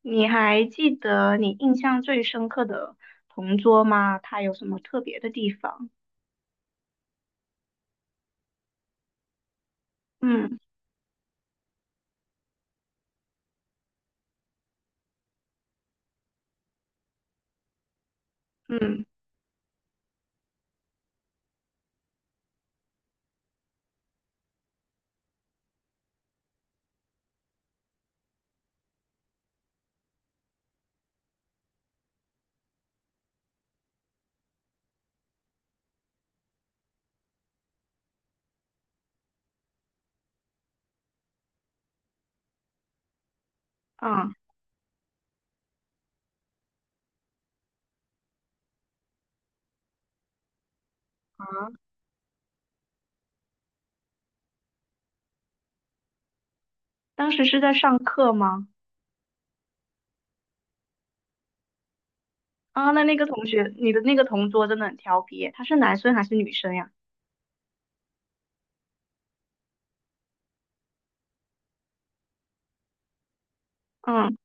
你还记得你印象最深刻的同桌吗？他有什么特别的地方？嗯嗯啊啊！当时是在上课吗？啊，那那个同学，你的那个同桌真的很调皮耶，他是男生还是女生呀？嗯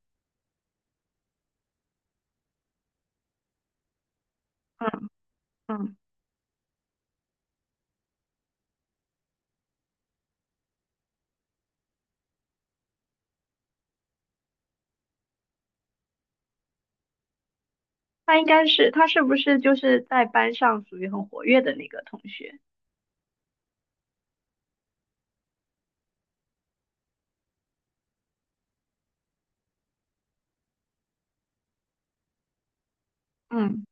嗯嗯，他应该是，他是不是就是在班上属于很活跃的那个同学？嗯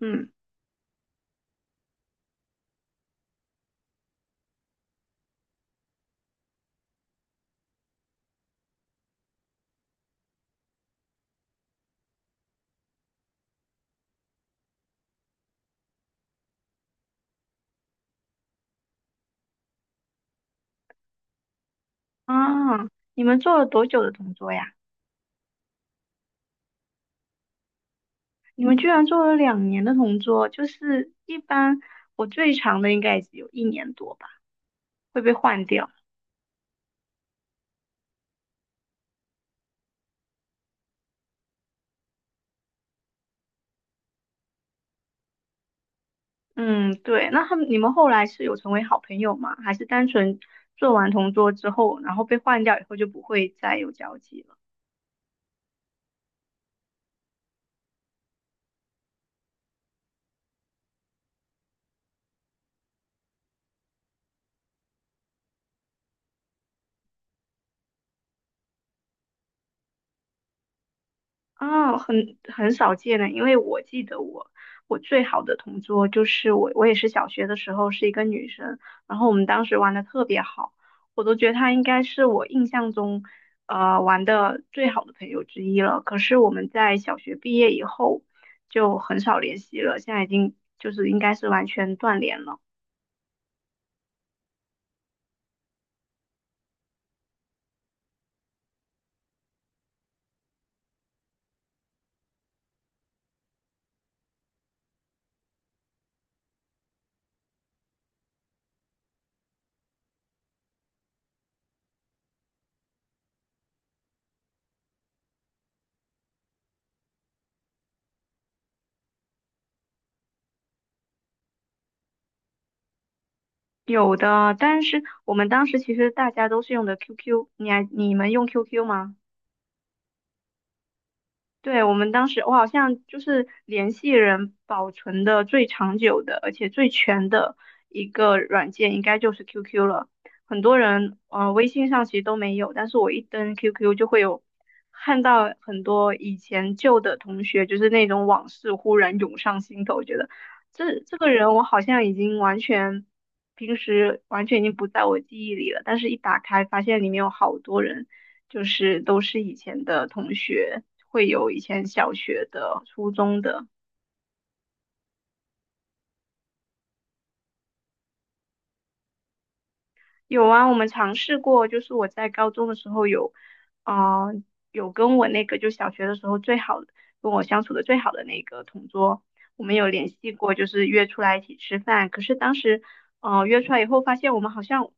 嗯啊，你们做了多久的同桌呀？你们居然做了两年的同桌，就是一般我最长的应该也只有一年多吧，会被换掉。嗯，对。那他们你们后来是有成为好朋友吗？还是单纯做完同桌之后，然后被换掉以后就不会再有交集了？啊，很很少见的，因为我记得我最好的同桌就是我，我也是小学的时候是一个女生，然后我们当时玩的特别好，我都觉得她应该是我印象中玩的最好的朋友之一了。可是我们在小学毕业以后就很少联系了，现在已经就是应该是完全断联了。有的，但是我们当时其实大家都是用的 QQ，你们用 QQ 吗？对，我们当时，我好像就是联系人保存的最长久的，而且最全的一个软件，应该就是 QQ 了。很多人，微信上其实都没有，但是我一登 QQ 就会有看到很多以前旧的同学，就是那种往事忽然涌上心头，觉得这个人我好像已经完全，平时完全已经不在我记忆里了，但是一打开发现里面有好多人，就是都是以前的同学。会有以前小学的、初中的。有啊，我们尝试过，就是我在高中的时候有，啊、有跟我那个就小学的时候最好跟我相处的最好的那个同桌，我们有联系过，就是约出来一起吃饭。可是当时，约出来以后发现我们好像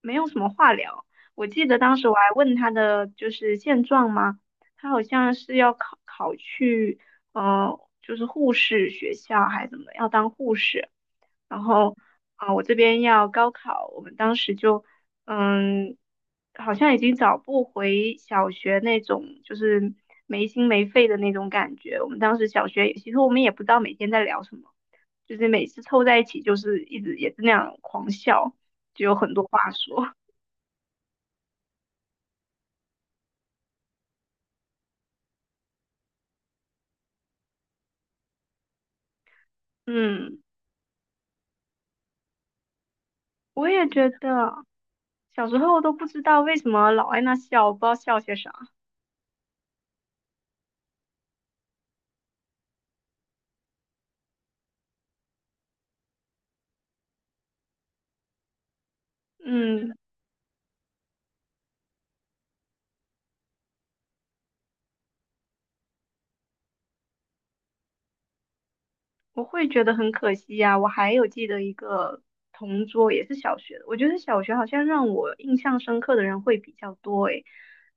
没有什么话聊。我记得当时我还问他的就是现状嘛，他好像是要考去，就是护士学校还是怎么，要当护士。然后啊，我这边要高考，我们当时就嗯，好像已经找不回小学那种就是没心没肺的那种感觉。我们当时小学也，其实我们也不知道每天在聊什么，就是每次凑在一起就是一直也是那样狂笑，就有很多话说。嗯，我也觉得小时候都不知道为什么老爱那笑，不知道笑些啥。嗯。我会觉得很可惜呀、我还有记得一个同桌，也是小学的。我觉得小学好像让我印象深刻的人会比较多诶。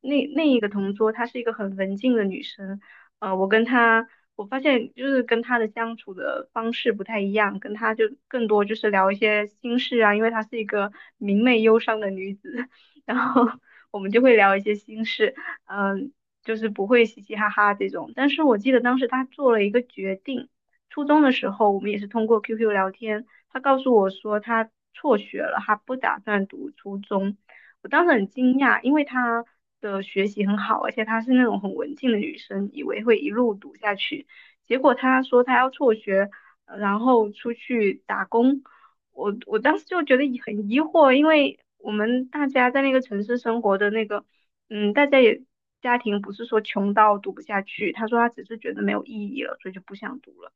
那那一个同桌，她是一个很文静的女生。我跟她，我发现就是跟她的相处的方式不太一样，跟她就更多就是聊一些心事啊，因为她是一个明媚忧伤的女子，然后我们就会聊一些心事，嗯、就是不会嘻嘻哈哈这种。但是我记得当时她做了一个决定。初中的时候，我们也是通过 QQ 聊天，他告诉我说他辍学了，他不打算读初中。我当时很惊讶，因为他的学习很好，而且她是那种很文静的女生，以为会一路读下去。结果他说她要辍学，然后出去打工。我当时就觉得很疑惑，因为我们大家在那个城市生活的那个，嗯，大家也家庭不是说穷到读不下去。他说他只是觉得没有意义了，所以就不想读了。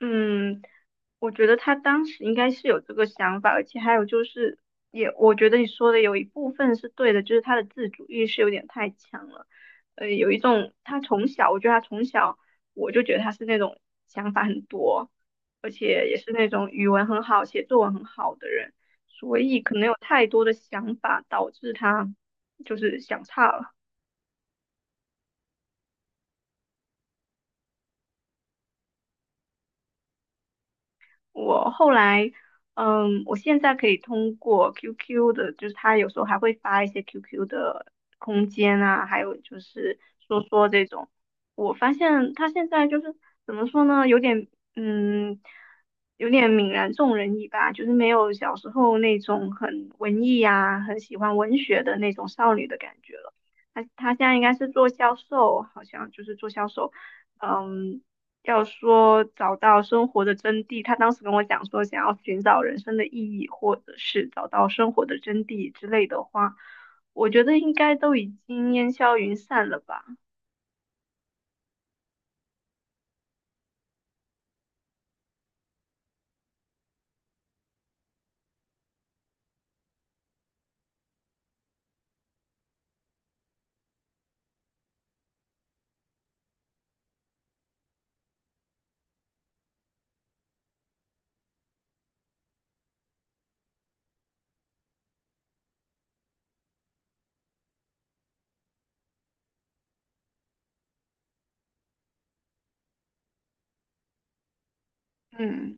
嗯，我觉得他当时应该是有这个想法，而且还有就是也，我觉得你说的有一部分是对的，就是他的自主意识有点太强了。有一种他从小，我觉得他从小我就觉得他是那种想法很多，而且也是那种语文很好、写作文很好的人，所以可能有太多的想法导致他就是想差了。我后来，嗯，我现在可以通过 QQ 的，就是他有时候还会发一些 QQ 的空间啊，还有就是说说这种，我发现他现在就是怎么说呢，有点，嗯，有点泯然众人矣吧，就是没有小时候那种很文艺呀、很喜欢文学的那种少女的感觉了。他现在应该是做销售，好像就是做销售，嗯。要说找到生活的真谛，他当时跟我讲说，想要寻找人生的意义，或者是找到生活的真谛之类的话，我觉得应该都已经烟消云散了吧。嗯，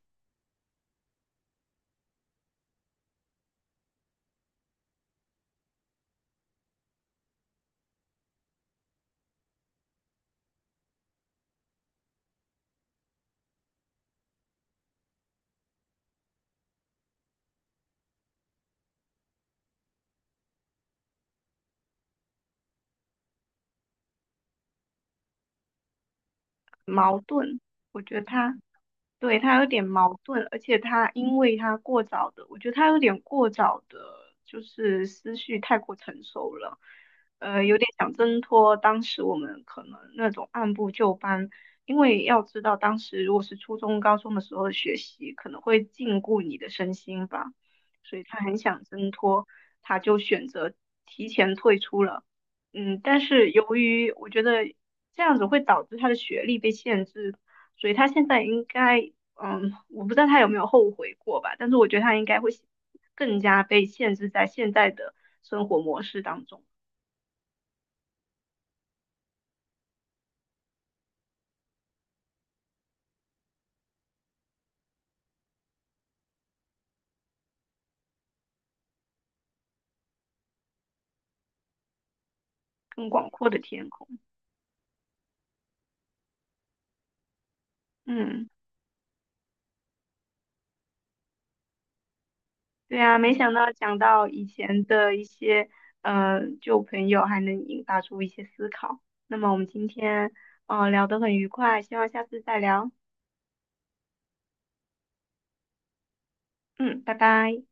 矛盾，我觉得他对，他有点矛盾，而且他因为他过早的，我觉得他有点过早的，就是思绪太过成熟了，有点想挣脱当时我们可能那种按部就班，因为要知道当时如果是初中、高中的时候的学习，可能会禁锢你的身心吧，所以他很想挣脱，他就选择提前退出了。嗯，但是由于我觉得这样子会导致他的学历被限制，所以他现在应该，嗯，我不知道他有没有后悔过吧，但是我觉得他应该会更加被限制在现在的生活模式当中，更广阔的天空。嗯，对啊，没想到讲到以前的一些旧朋友，还能引发出一些思考。那么我们今天聊得很愉快，希望下次再聊。嗯，拜拜。